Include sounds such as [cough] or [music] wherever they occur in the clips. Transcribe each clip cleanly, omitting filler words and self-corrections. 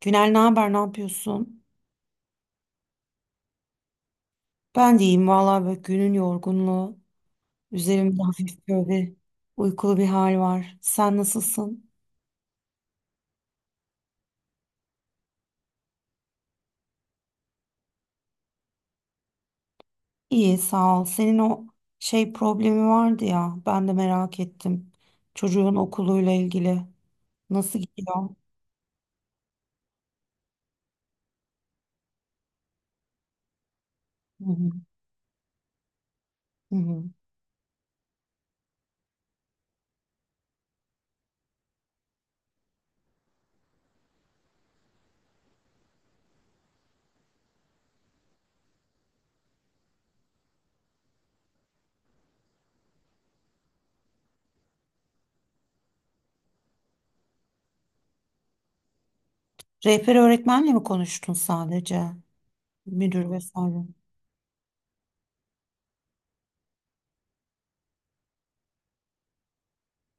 Günel ne haber, ne yapıyorsun? Ben de iyiyim vallahi böyle günün yorgunluğu. Üzerimde [laughs] hafif böyle uykulu bir hal var. Sen nasılsın? İyi sağ ol. Senin o şey problemi vardı ya ben de merak ettim. Çocuğun okuluyla ilgili. Nasıl gidiyor? Hı hı. Hı hı. Rehber öğretmenle mi konuştun sadece? Müdür vesaire.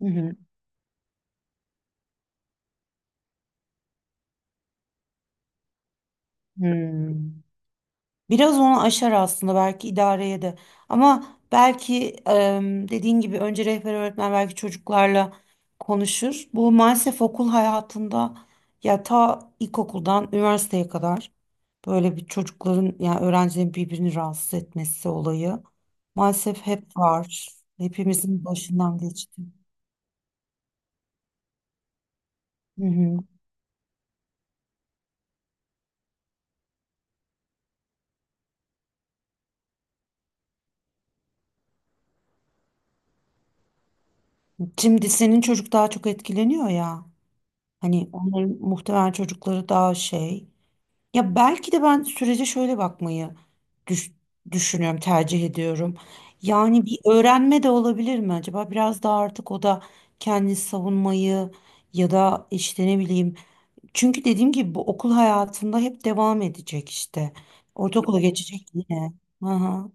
Hı hı. Hı. Biraz onu aşar aslında belki idareye de. Ama belki dediğin gibi önce rehber öğretmen belki çocuklarla konuşur. Bu maalesef okul hayatında ya ta ilkokuldan üniversiteye kadar böyle bir çocukların yani öğrencilerin birbirini rahatsız etmesi olayı maalesef hep var. Hepimizin başından geçti. Hı hı. Şimdi senin çocuk daha çok etkileniyor ya. Hani onların muhtemelen çocukları daha şey. Ya belki de ben sürece şöyle bakmayı düş- düşünüyorum, tercih ediyorum. Yani bir öğrenme de olabilir mi acaba? Biraz daha artık o da kendini savunmayı ya da işte ne bileyim. Çünkü dediğim gibi bu okul hayatında hep devam edecek işte. Ortaokula geçecek yine. Aha,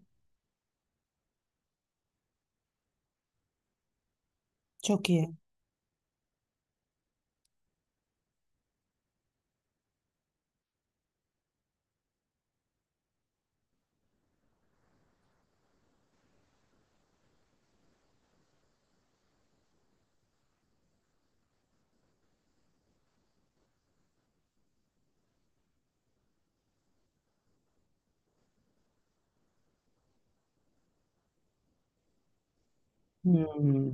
çok iyi. Hmm.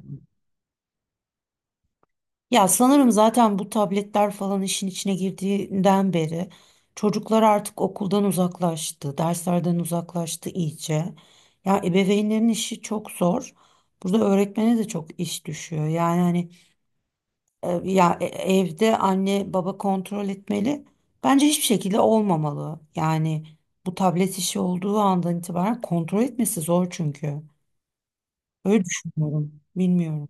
Ya sanırım zaten bu tabletler falan işin içine girdiğinden beri çocuklar artık okuldan uzaklaştı, derslerden uzaklaştı iyice. Ya ebeveynlerin işi çok zor. Burada öğretmene de çok iş düşüyor. Yani hani e, ya e- evde anne baba kontrol etmeli. Bence hiçbir şekilde olmamalı. Yani bu tablet işi olduğu andan itibaren kontrol etmesi zor çünkü. Öyle düşünüyorum. Bilmiyorum.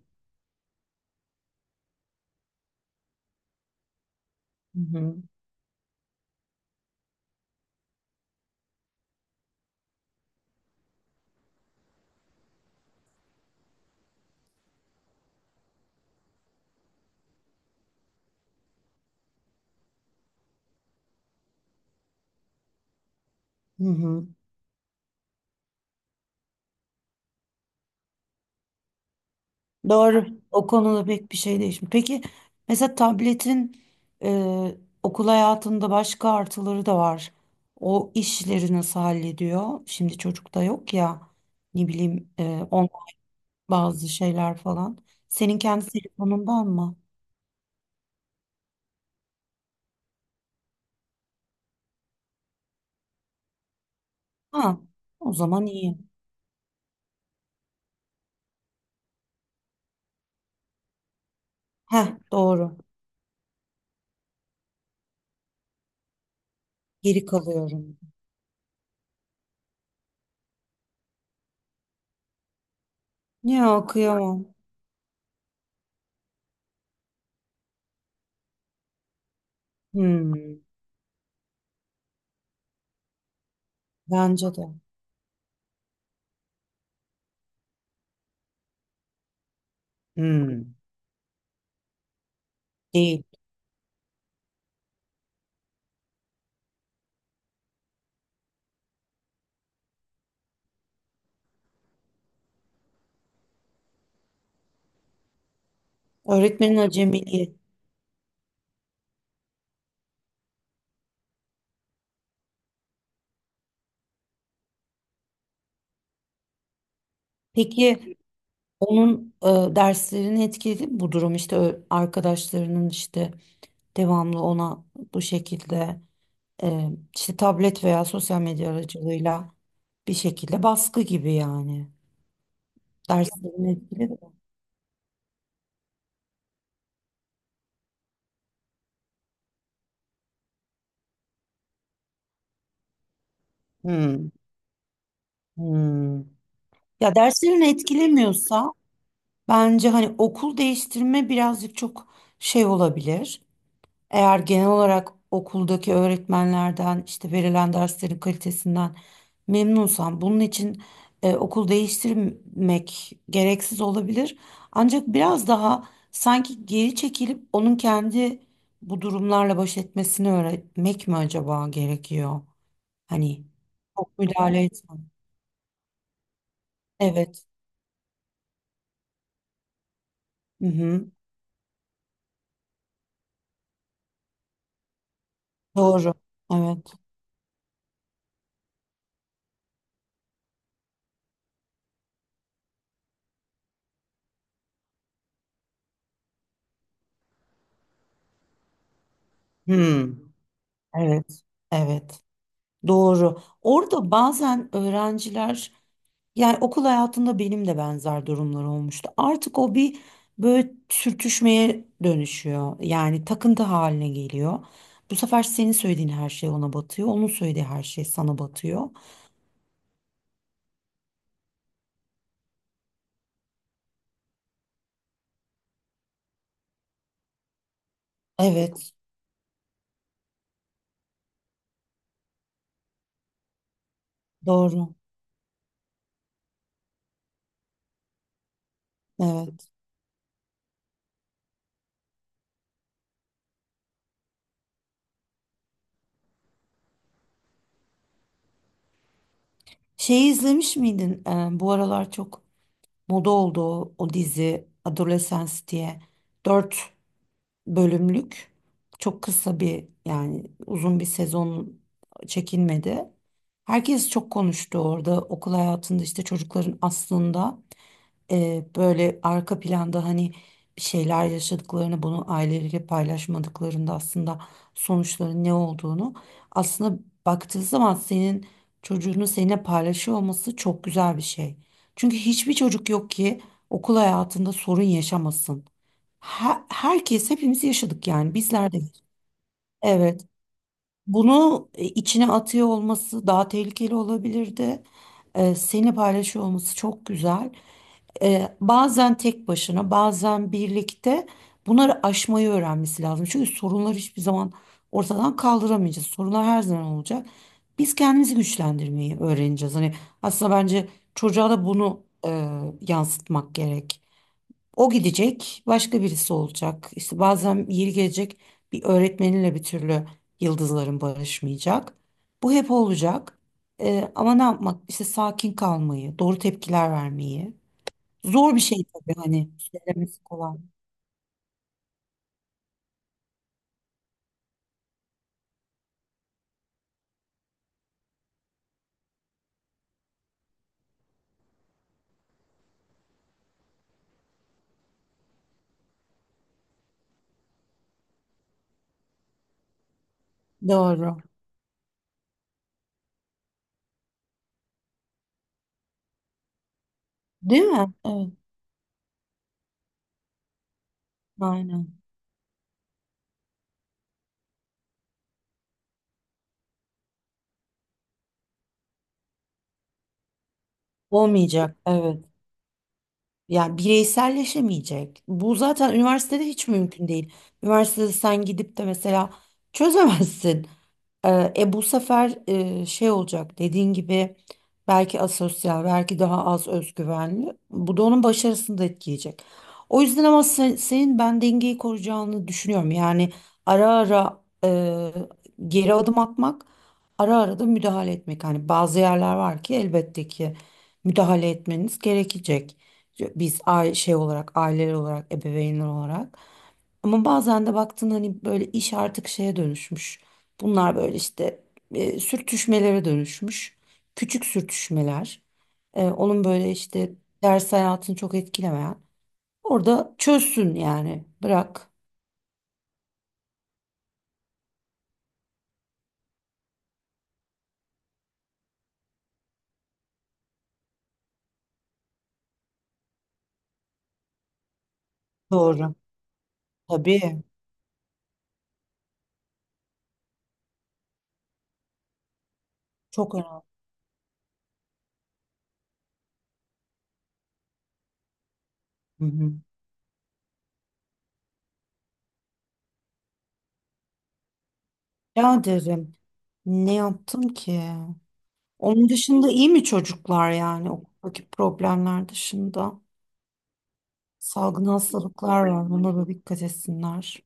Hı hı. Hı hı. Doğru. O konuda pek bir şey değişmiyor. Peki mesela tabletin okul hayatında başka artıları da var. O işleri nasıl hallediyor? Şimdi çocukta yok ya ne bileyim on bazı şeyler falan. Senin kendi telefonundan mı? Ha, o zaman iyi. Heh, doğru. Geri kalıyorum. Ya kıyamam. Hmm, bence de. Hmm, değil. Öğretmenin acemiliği. Peki onun derslerini etkiledi bu durum işte arkadaşlarının işte devamlı ona bu şekilde e, işte tablet veya sosyal medya aracılığıyla bir şekilde baskı gibi yani. Derslerini etkiledi. Hmm, hmm. Ya derslerini etkilemiyorsa bence hani okul değiştirme birazcık çok şey olabilir. Eğer genel olarak okuldaki öğretmenlerden işte verilen derslerin kalitesinden memnunsan bunun için okul değiştirmek gereksiz olabilir. Ancak biraz daha sanki geri çekilip onun kendi bu durumlarla baş etmesini öğretmek mi acaba gerekiyor? Hani çok müdahale etme. Evet. Hı hı. Doğru. Evet. Hmm. Evet. Evet. Doğru. Orada bazen öğrenciler, yani okul hayatında benim de benzer durumlar olmuştu. Artık o bir böyle sürtüşmeye dönüşüyor. Yani takıntı haline geliyor. Bu sefer senin söylediğin her şey ona batıyor. Onun söylediği her şey sana batıyor. Evet. Doğru. Evet. Şeyi izlemiş miydin? Bu aralar çok moda oldu o dizi Adolescence diye. Dört bölümlük. Çok kısa bir yani uzun bir sezon çekilmedi. Herkes çok konuştu orada okul hayatında işte çocukların aslında böyle arka planda hani bir şeyler yaşadıklarını, bunu aileleriyle paylaşmadıklarında aslında sonuçların ne olduğunu, aslında baktığı zaman senin çocuğunu seninle paylaşıyor olması çok güzel bir şey. Çünkü hiçbir çocuk yok ki okul hayatında sorun yaşamasın. Herkes hepimiz yaşadık yani bizler de. Evet. Bunu içine atıyor olması daha tehlikeli olabilirdi. E, seni paylaşıyor olması çok güzel. E, bazen tek başına, bazen birlikte bunları aşmayı öğrenmesi lazım. Çünkü sorunlar hiçbir zaman ortadan kaldıramayacağız. Sorunlar her zaman olacak. Biz kendimizi güçlendirmeyi öğreneceğiz. Hani aslında bence çocuğa da bunu yansıtmak gerek. O gidecek, başka birisi olacak. İşte bazen yeri gelecek bir öğretmeninle bir türlü yıldızların barışmayacak. Bu hep olacak. Ama ne yapmak? İşte sakin kalmayı, doğru tepkiler vermeyi. Zor bir şey tabii hani söylemesi kolay. Doğru. Değil mi? Evet, aynen. Olmayacak, evet. Yani bireyselleşemeyecek. Bu zaten üniversitede hiç mümkün değil. Üniversitede sen gidip de mesela çözemezsin. Bu sefer şey olacak dediğin gibi belki asosyal, belki daha az özgüvenli. Bu da onun başarısını da etkileyecek. O yüzden ama senin ben dengeyi koruyacağını düşünüyorum. Yani ara ara geri adım atmak, ara ara da müdahale etmek. Hani bazı yerler var ki elbette ki müdahale etmeniz gerekecek. Biz aile şey olarak, aileler olarak, ebeveynler olarak. Ama bazen de baktın hani böyle iş artık şeye dönüşmüş. Bunlar böyle işte sürtüşmelere dönüşmüş. Küçük sürtüşmeler. E, onun böyle işte ders hayatını çok etkilemeyen. Orada çözsün yani. Bırak. Doğru. Tabii. Çok önemli. Hı hı. Ya derim. Ne yaptım ki? Onun dışında iyi mi çocuklar yani okuldaki problemler dışında? Salgın hastalıklar var. Ona da dikkat etsinler.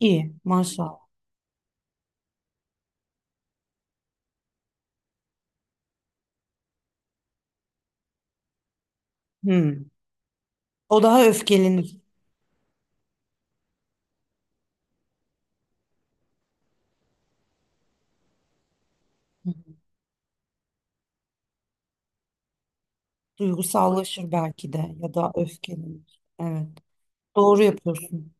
İyi maşallah. Hmm. O daha öfkeleniyor. Duygusallaşır belki de ya da öfkelenir. Evet. Doğru yapıyorsun.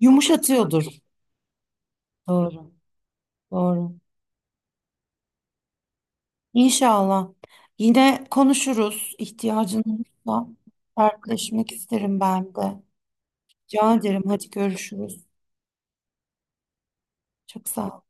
Yumuşatıyordur. Doğru. Doğru. İnşallah. Yine konuşuruz. İhtiyacın olursa dertleşmek isterim ben de. Rica ederim. Hadi görüşürüz. Çok sağ ol.